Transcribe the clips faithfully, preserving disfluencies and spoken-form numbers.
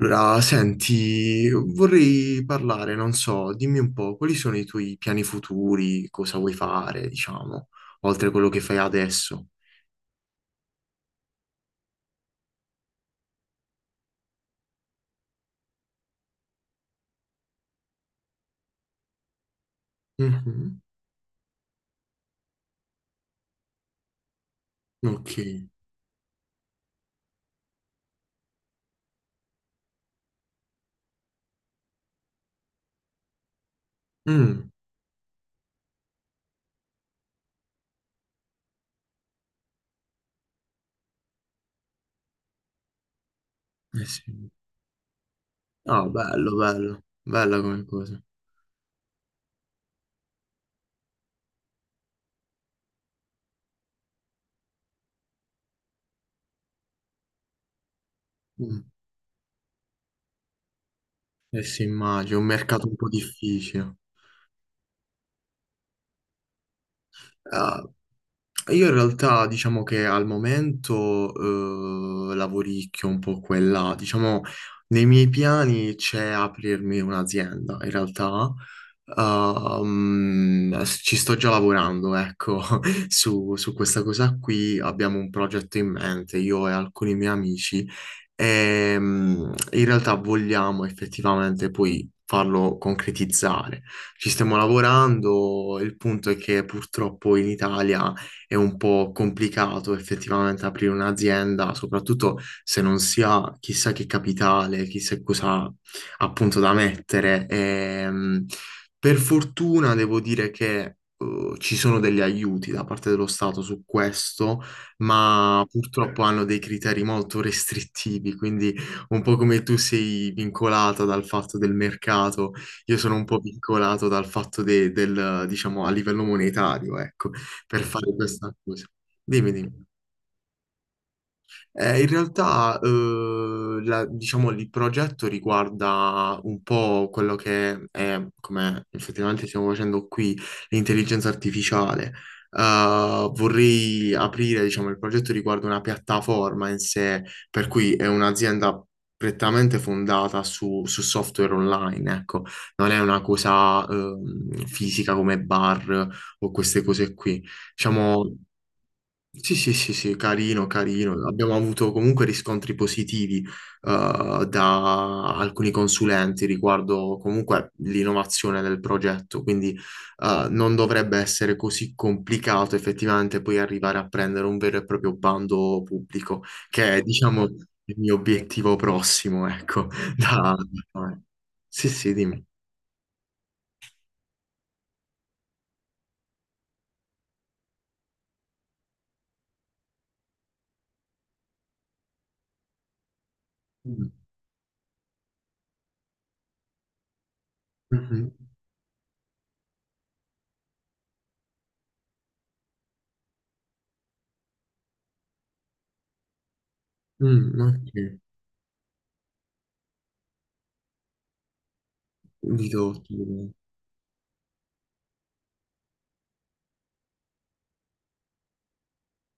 Allora, senti, vorrei parlare, non so, dimmi un po', quali sono i tuoi piani futuri, cosa vuoi fare, diciamo, oltre a quello che fai adesso? Mhm. Ok. Mm. Eh sì. Ah, bello, bello, bella come cosa. Mm. Eh sì, immagino, un mercato un po' difficile. Ah, io in realtà diciamo che al momento eh, lavoricchio un po' quella, diciamo nei miei piani c'è aprirmi un'azienda, in realtà ehm, ci sto già lavorando, ecco, su, su questa cosa qui abbiamo un progetto in mente, io e alcuni miei amici, e mm, in realtà vogliamo effettivamente poi farlo concretizzare. Ci stiamo lavorando, il punto è che purtroppo in Italia è un po' complicato effettivamente aprire un'azienda, soprattutto se non si ha chissà che capitale, chissà cosa appunto da mettere. Ehm, per fortuna devo dire che eh, ci sono degli aiuti da parte dello Stato su questo, ma purtroppo hanno dei criteri molto restrittivi, quindi un po' come tu sei vincolata dal fatto del mercato, io sono un po' vincolato dal fatto de- del, diciamo, a livello monetario, ecco per fare questa cosa. Dimmi, dimmi. Eh, in realtà, eh, la- diciamo, il progetto riguarda un po' quello che è, come effettivamente stiamo facendo qui, l'intelligenza artificiale. Eh, vorrei aprire, diciamo, il progetto riguarda una piattaforma in sé, per cui è un'azienda prettamente fondata su, su software online, ecco, non è una cosa, ehm, fisica come bar o queste cose qui. Diciamo, sì, sì, sì, sì, carino, carino. Abbiamo avuto comunque riscontri positivi eh, da alcuni consulenti riguardo comunque l'innovazione del progetto, quindi eh, non dovrebbe essere così complicato effettivamente poi arrivare a prendere un vero e proprio bando pubblico, che è, diciamo, il mio obiettivo prossimo, ecco. da- da- Sì, sì, dimmi. Mm, mhm. Mm, ok. Di dotto.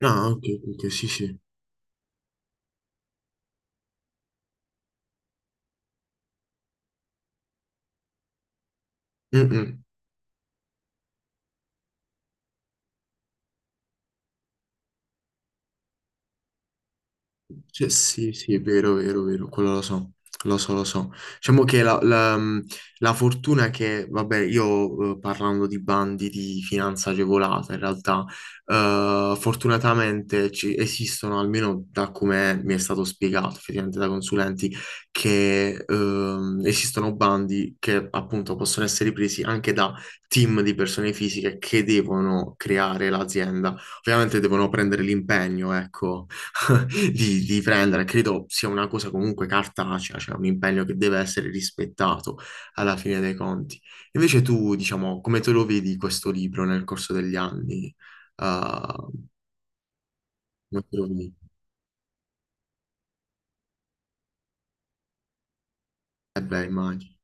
Ah, ok, ok, sì, sì. Mm, mm. Cioè, sì, sì, è vero, vero, vero, quello lo so, lo so, lo so. Diciamo che la, la- la fortuna è che, vabbè, io eh, parlando di bandi di finanza agevolata, in realtà, eh, fortunatamente ci- esistono, almeno da come mi è stato spiegato, effettivamente da consulenti, che ehm, esistono bandi che appunto possono essere presi anche da team di persone fisiche che devono creare l'azienda. Ovviamente devono prendere l'impegno, ecco di, di prendere. Credo sia una cosa comunque cartacea, cioè un impegno che deve essere rispettato alla fine dei conti. Invece tu, diciamo, come te lo vedi questo libro nel corso degli anni? Uh, come te lo vedi? Eh beh, immagino.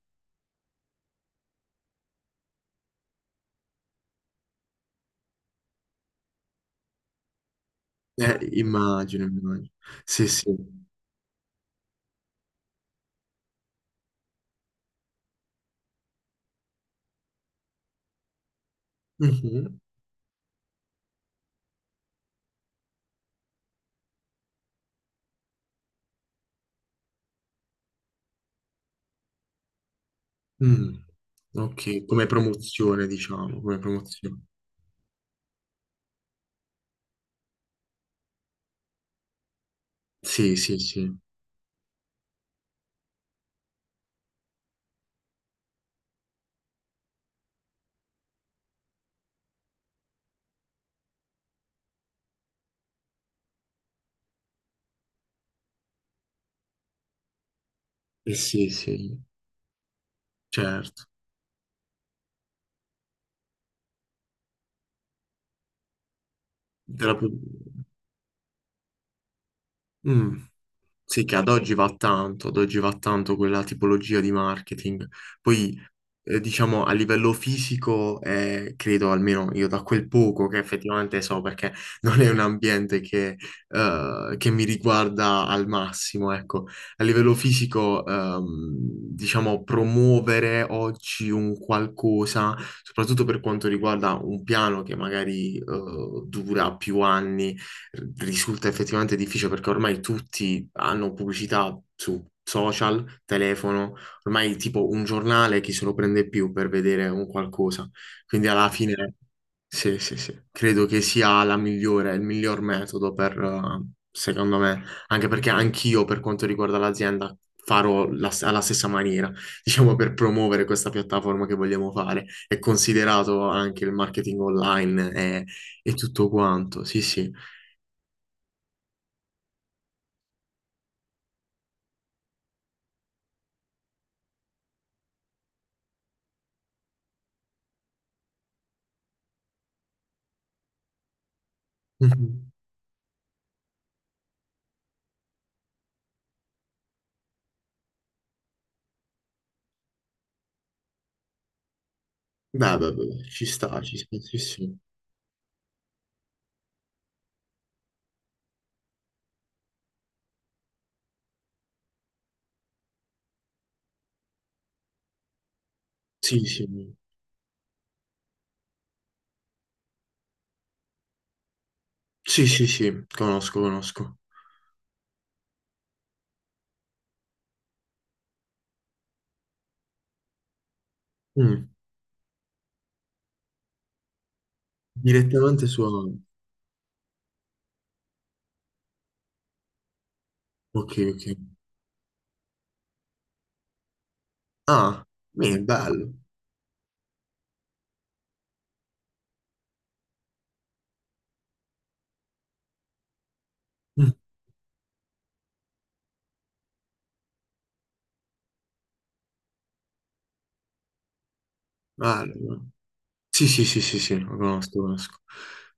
Eh, immagino, immagino. Sì, sì. Mhm. Mm. Ok, come promozione, diciamo, come promozione. Sì, sì, sì. Eh, sì, sì, certo. Te la pu- Mm. Sì, che ad oggi va tanto, ad oggi va tanto quella tipologia di marketing. Poi eh, diciamo, a livello fisico, eh, credo almeno io da quel poco che effettivamente so, perché non è un ambiente che, eh, che mi riguarda al massimo, ecco. A livello fisico, ehm, diciamo, promuovere oggi un qualcosa, soprattutto per quanto riguarda un piano che magari, eh, dura più anni, risulta effettivamente difficile perché ormai tutti hanno pubblicità su social, telefono. Ormai tipo un giornale chi se lo prende più per vedere un qualcosa. Quindi alla fine, sì, sì, sì, credo che sia la migliore, il miglior metodo per, eh, secondo me, anche perché anch'io per quanto riguarda l'azienda farò la- alla stessa maniera, diciamo per promuovere questa piattaforma che vogliamo fare. È considerato anche il marketing online e, e tutto quanto, sì, sì. Mhm. Beh, beh, beh, ci sta, ci sta, sì, sì. Sì, sì, sì, sì, sì, conosco, conosco. Mm. Direttamente su... Ok, ok. Ah, beh, bello. Mm, bello. Sì, sì, sì, sì, sì, lo conosco, lo conosco.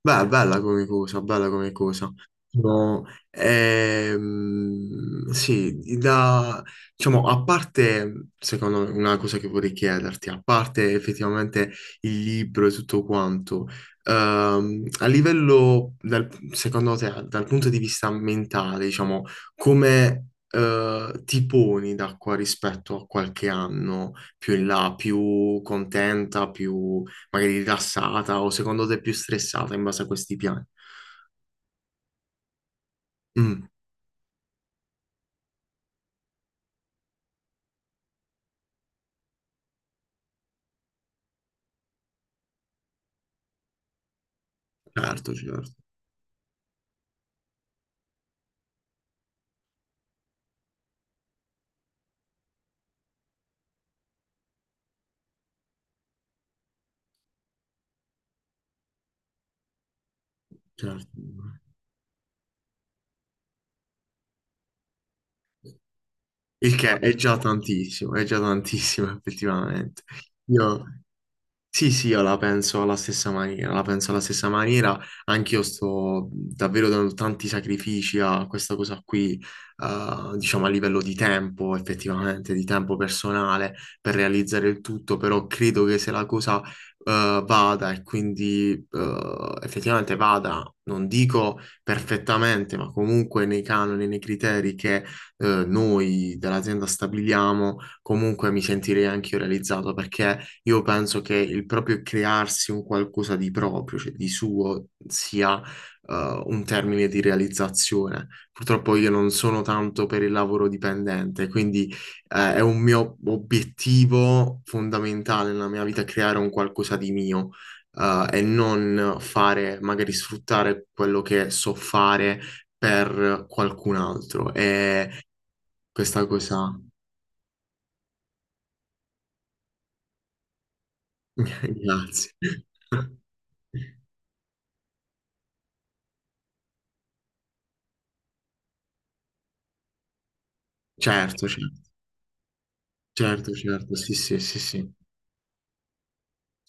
Beh, bella come cosa, bella come cosa. No, ehm, sì, da, diciamo, a parte, secondo me, una cosa che vorrei chiederti, a parte effettivamente il libro e tutto quanto, ehm, a livello, dal- secondo te, dal punto di vista mentale, diciamo, come, eh, ti poni da qua rispetto a qualche anno più in là, più contenta, più magari rilassata o secondo te più stressata in base a questi piani. Mm, certo, certo, certo. Il che è già tantissimo, è già tantissimo effettivamente. Io sì, sì, io la penso alla stessa maniera, la penso alla stessa maniera, anch'io sto davvero dando tanti sacrifici a questa cosa qui, eh, diciamo a livello di tempo, effettivamente, di tempo personale per realizzare il tutto, però credo che se la cosa, eh, vada e quindi, eh, effettivamente vada, non dico perfettamente, ma comunque nei canoni, nei criteri che, eh, noi dell'azienda stabiliamo, comunque mi sentirei anch'io realizzato perché io penso che il proprio crearsi un qualcosa di proprio, cioè di suo, sia eh, un termine di realizzazione. Purtroppo io non sono tanto per il lavoro dipendente, quindi eh, è un mio obiettivo fondamentale nella mia vita creare un qualcosa di mio. Eh, e non fare, magari sfruttare quello che so fare per qualcun altro. E questa cosa, grazie. Certo, certo. Certo, certo, sì, sì, sì, sì.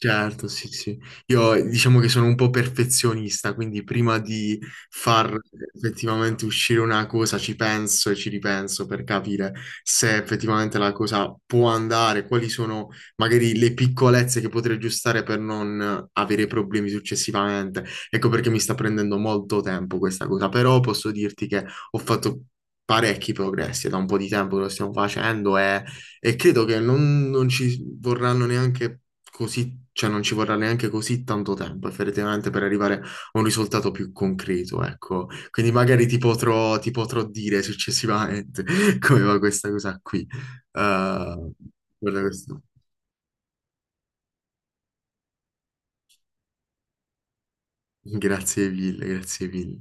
Certo, sì, sì. Io diciamo che sono un po' perfezionista, quindi prima di far effettivamente uscire una cosa ci penso e ci ripenso per capire se effettivamente la cosa può andare, quali sono magari le piccolezze che potrei aggiustare per non avere problemi successivamente. Ecco perché mi sta prendendo molto tempo questa cosa, però posso dirti che ho fatto parecchi progressi, è da un po' di tempo che lo stiamo facendo e... E credo che non, non ci vorranno neanche così cioè non ci vorrà neanche così tanto tempo effettivamente per arrivare a un risultato più concreto, ecco. Quindi magari ti potrò, ti potrò dire successivamente come va questa cosa qui. Eh, guarda questo. Grazie mille, grazie mille.